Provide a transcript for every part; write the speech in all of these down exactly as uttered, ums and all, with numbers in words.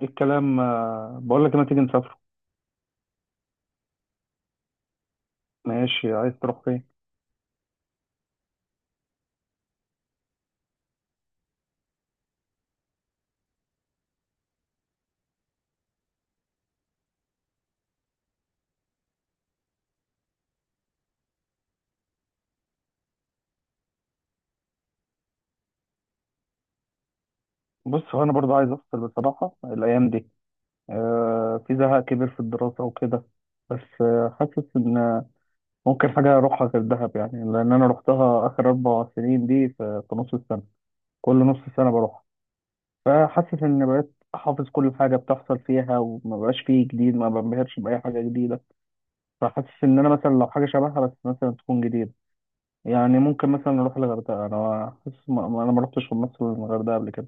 ايه الكلام، آه، بقول لك، ما تيجي نسافر؟ ماشي، عايز تروح فين؟ بص، هو انا برضو عايز افصل بصراحه الايام دي. آه في زهق كبير في الدراسه وكده. بس آه حاسس ان آه، ممكن حاجه اروحها غير دهب يعني، لان انا روحتها اخر اربع سنين دي في, في نص السنه. كل نص سنه بروح. فحاسس ان بقيت حافظ كل حاجه بتحصل فيها، وما بقاش فيه جديد، ما بنبهرش باي حاجه جديده. فحاسس ان انا مثلا لو حاجه شبهها بس مثلا تكون جديده. يعني ممكن مثلا نروح الغردقة، أنا حاسس ما- ما- أنا ما رحتش مصر الغردقة قبل كده.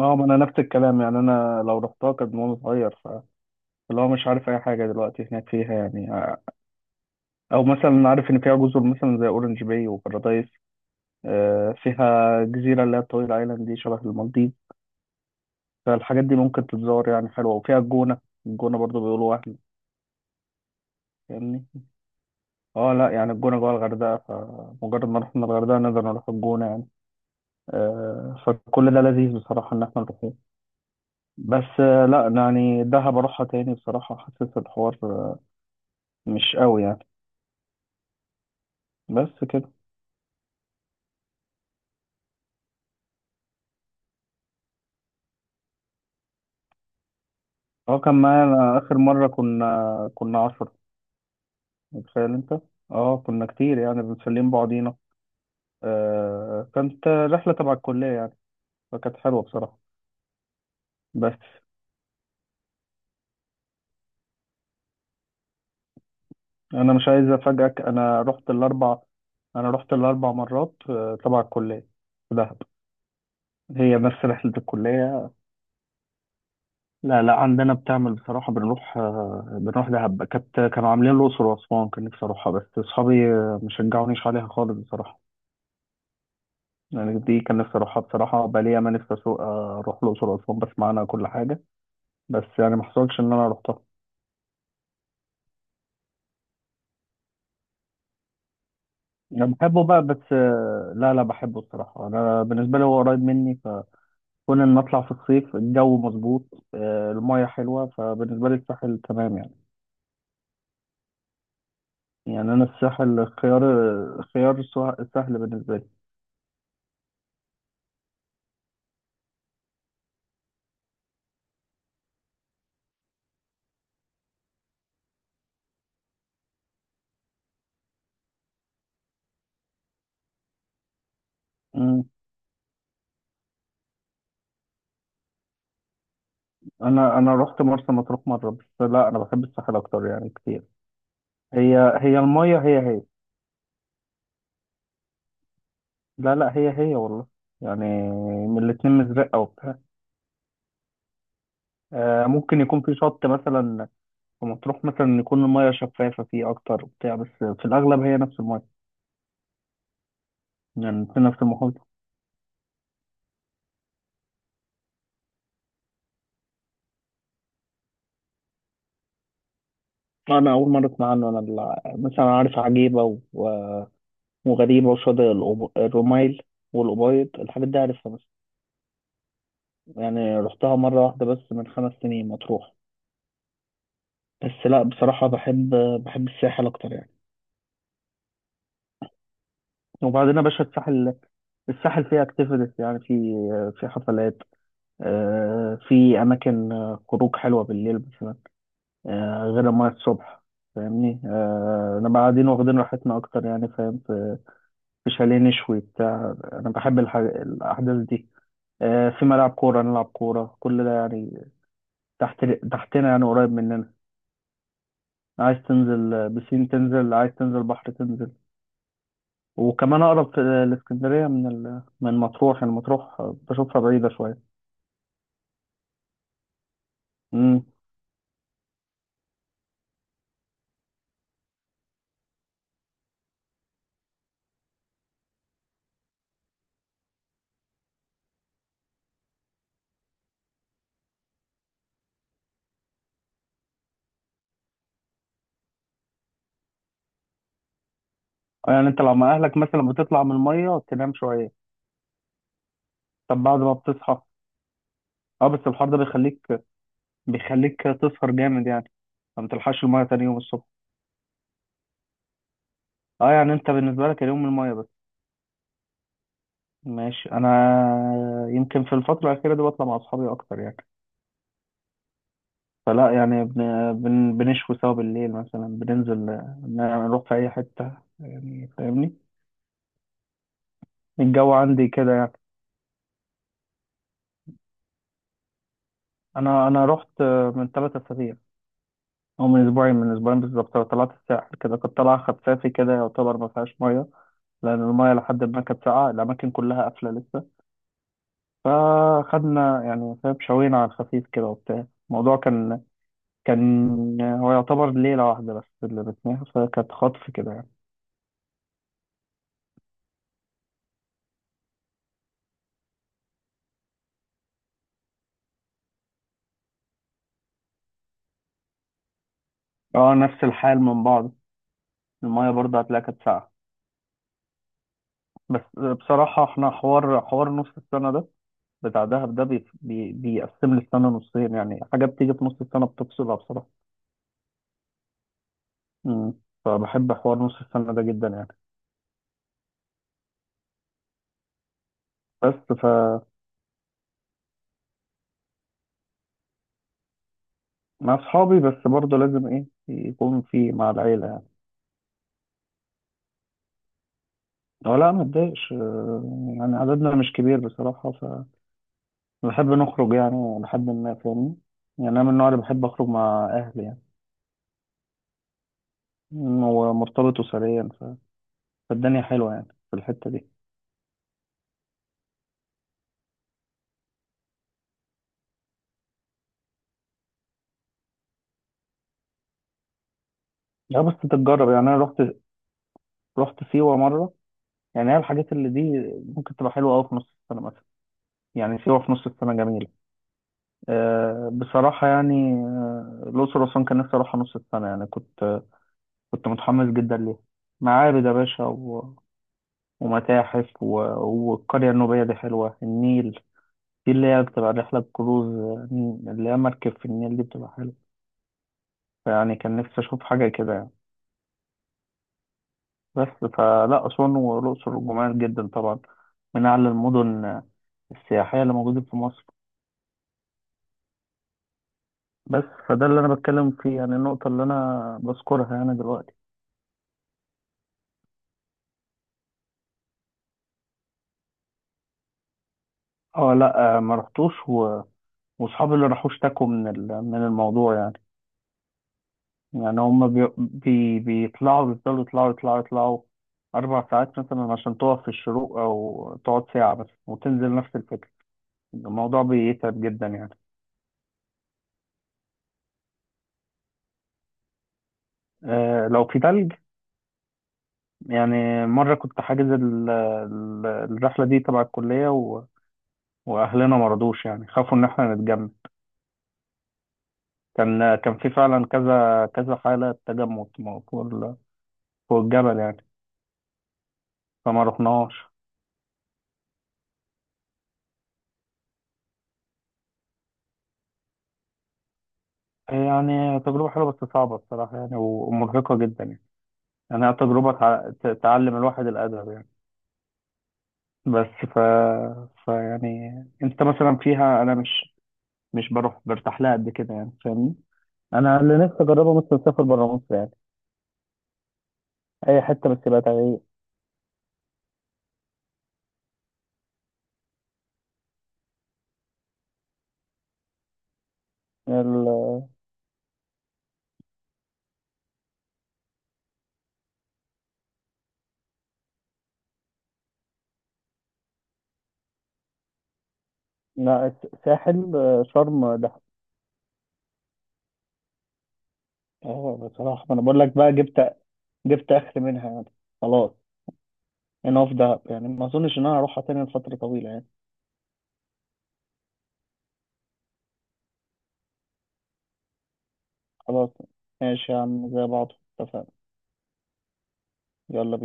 أه، ما أنا نفس الكلام، يعني أنا لو رحتها كانت وأنا صغير، فاللي هو مش عارف أي حاجة دلوقتي هناك فيها يعني. آه، أو مثلا عارف إن فيها جزر مثلا زي أورنج باي وبارادايس. آه، فيها جزيرة اللي هي الطويل آيلاند دي شبه المالديف. فالحاجات دي ممكن تتزور يعني، حلوة، وفيها الجونة. الجونة برضو بيقولوا وهم. فاهمني. اه، لا يعني الجونة جوه الغردقة، فمجرد ما رحنا الغردقة نقدر نروح الجونة يعني. آه، فكل ده لذيذ بصراحة إن احنا نروح. بس آه، لا، يعني دهب اروحها تاني بصراحة، حاسس الحوار آه، مش قوي يعني. بس كده. اه، كان معايا اخر مرة كنا كنا عشرة، متخيل انت؟ اه كنا كتير يعني، بنسلم بعضينا. آه كانت رحلة تبع الكلية يعني، فكانت حلوة بصراحة. بس انا مش عايز افاجئك. انا رحت الاربع انا رحت الاربع مرات آه، تبع الكلية، في دهب. هي نفس رحلة الكلية. لا لا، عندنا بتعمل بصراحة، بنروح آه، بنروح دهب، كانت كانوا عاملين الأقصر وأسوان، كان نفسي أروحها بس أصحابي آه، مشجعونيش عليها خالص بصراحة. يعني دي كان نفسي أروحها بصراحة، بقالي ياما نفسي أسوق آه، أروح الأقصر وأسوان، بسمع عنها كل حاجة. بس يعني ما حصلش إن أنا روحتها. أنا بحبه بقى، بس آه، لا لا، بحبه الصراحة، أنا بالنسبة لي هو قريب مني. فكون إن أطلع في الصيف، الجو مظبوط، آه، المية حلوة، فبالنسبة لي الساحل تمام يعني. يعني أنا الساحل خيار، خيار سه- سهل بالنسبة لي. انا انا رحت مرسى مطروح مره بس، لا انا بحب الساحل اكتر يعني، كتير. هي هي الميه، هي هي. لا لا، هي هي والله، يعني من الاتنين مزرقه وبتاع. آه ممكن يكون في شط مثلا في مطروح مثلا يكون الميه شفافه فيه اكتر وبتاع، بس في الاغلب هي نفس الميه، يعني في نفس المحيط. انا اول مره اسمع عنه، انا ال- مثلا عارف عجيبه و- و- وغريبه، وشاطئ الأب- الرمايل والأبيض، الحاجات دي عارفها. بس يعني رحتها مره واحده بس من خمس سنين، مطروح. بس لا بصراحة، بحب بحب الساحل أكتر يعني. وبعدين يا باشا، الساحل الساحل فيه اكتيفيتيز يعني، في في حفلات، آه، في أماكن آه، خروج حلوة بالليل مثلا، آه، غير ما الصبح، فاهمني. آه، أنا قاعدين واخدين راحتنا أكتر يعني، فاهم، في في شاليه نشوي بتاع. أنا بحب الح- الأحداث دي، آه، في ملعب كورة نلعب كورة، كل ده يعني تحت تحتنا، يعني قريب مننا. عايز تنزل بسين تنزل، عايز تنزل بحر تنزل. وكمان اقرب في الاسكندريه من ال... من مطروح، يعني مطروح بشوفها بعيده شويه. امم. يعني انت لو مع اهلك مثلا بتطلع من الميه تنام شويه؟ طب بعد ما بتصحى؟ اه، بس الحر ده بيخليك بيخليك تسهر جامد يعني، فما تلحقش الميه تاني يوم الصبح. اه، يعني انت بالنسبه لك اليوم الميه بس. ماشي. انا يمكن في الفتره الاخيره دي بطلع مع اصحابي اكتر يعني، فلا يعني بن... بن... بنشوي سوا بالليل مثلا، بننزل آه، نروح في اي حته، يعني فاهمني، الجو عندي كده يعني. انا انا رحت آه، من ثلاث اسابيع، او من اسبوعين من اسبوعين بالظبط، طلعت الساحل كده، كنت طالع خفافي كده يعتبر، ما فيهاش ميه، لان الميه لحد ما كانت ساقعه، الاماكن كلها قافله لسه. فخدنا يعني فاهم، شوينا على الخفيف كده وبتاع. الموضوع كان كان هو يعتبر ليله واحده بس اللي بتناها، فكانت خطف كده يعني. اه، نفس الحال من بعض، الميه برضه هتلاقيها كانت ساقعه. بس بصراحه احنا حوار حوار نص السنه ده، بتاع دهب ده بي... بي... بيقسم لي السنة نصين، يعني حاجة بتيجي في نص السنة بتفصلها بصراحة. مم. فبحب حوار نص السنة ده جدا يعني. بس ف مع أصحابي، بس برضه لازم إيه يكون في مع العيلة يعني. أو لا ما تضايقش، آه، يعني عددنا مش كبير بصراحة، فبحب نخرج يعني لحد ما، فاهمني؟ يعني أنا من النوع اللي بحب أخرج مع أهلي يعني، مم، ومرتبط أسريا، ف... فالدنيا حلوة يعني في الحتة دي. لا بس تتجرب، يعني أنا رحت رحت سيوة مرة. يعني هي الحاجات اللي دي ممكن تبقى حلوة أوي في نص السنة مثلا، يعني سيوة في نص السنة جميلة. أه بصراحة يعني، آه، الأقصر وأسوان كان نفسي أروحها نص السنة يعني، كنت كنت متحمس جدا ليها. معابد يا باشا و... ومتاحف و... والقرية النوبية دي حلوة، النيل دي اللي هي بتبقى رحلة كروز، آه، اللي هي مركب في النيل دي بتبقى حلوة. فيعني كان نفسي أشوف حاجة كده يعني، بس فلا، أسوان والأقصر جمال جدا طبعا، من أعلى المدن آه، السياحية اللي موجودة في مصر. بس فده اللي انا بتكلم فيه يعني، النقطه اللي انا بذكرها يعني دلوقتي. اه لا، آه، ما رحتوش، و... واصحابي اللي راحوا اشتكوا من ال... من الموضوع يعني. يعني هم بي... بي... بيطلعوا، بيفضلوا يطلعوا يطلعوا يطلعوا اربع ساعات مثلا عشان تقف في الشروق او تقعد ساعه بس وتنزل، نفس الفكره. الموضوع بيتعب جدا يعني. آه، لو في تلج، يعني مره كنت حاجز ال... ال- الرحله دي تبع الكليه، و... واهلنا مرضوش يعني، خافوا ان احنا نتجمع. كان كان في فعلا كذا كذا حالة تجمد م- فوق ال- فوق الجبل يعني، فما رحناش. يعني تجربة حلوة بس صعبة الصراحة يعني، و- ومرهقة جدا يعني. يعني هي تجربة تع- ت- تعلم الواحد الأدب يعني. بس ف... ف يعني أنت مثلا فيها، أنا مش مش بروح برتاح لها قد كده يعني، فاهمني. أنا اللي نفسي أجربه مثلا أسافر بره مصر يعني، أي حتة بس يبقى تغيير. ال... لا، الس- ساحل، آه، شرم. اه بصراحة ما انا بقول لك بقى، جبت جبت اخر منها يعني، خلاص. انا في دهب يعني ما اظنش ان انا هروحها تاني لفترة طويلة يعني. خلاص، ماشي يا عم، زي بعض، اتفقنا. يلا بينا.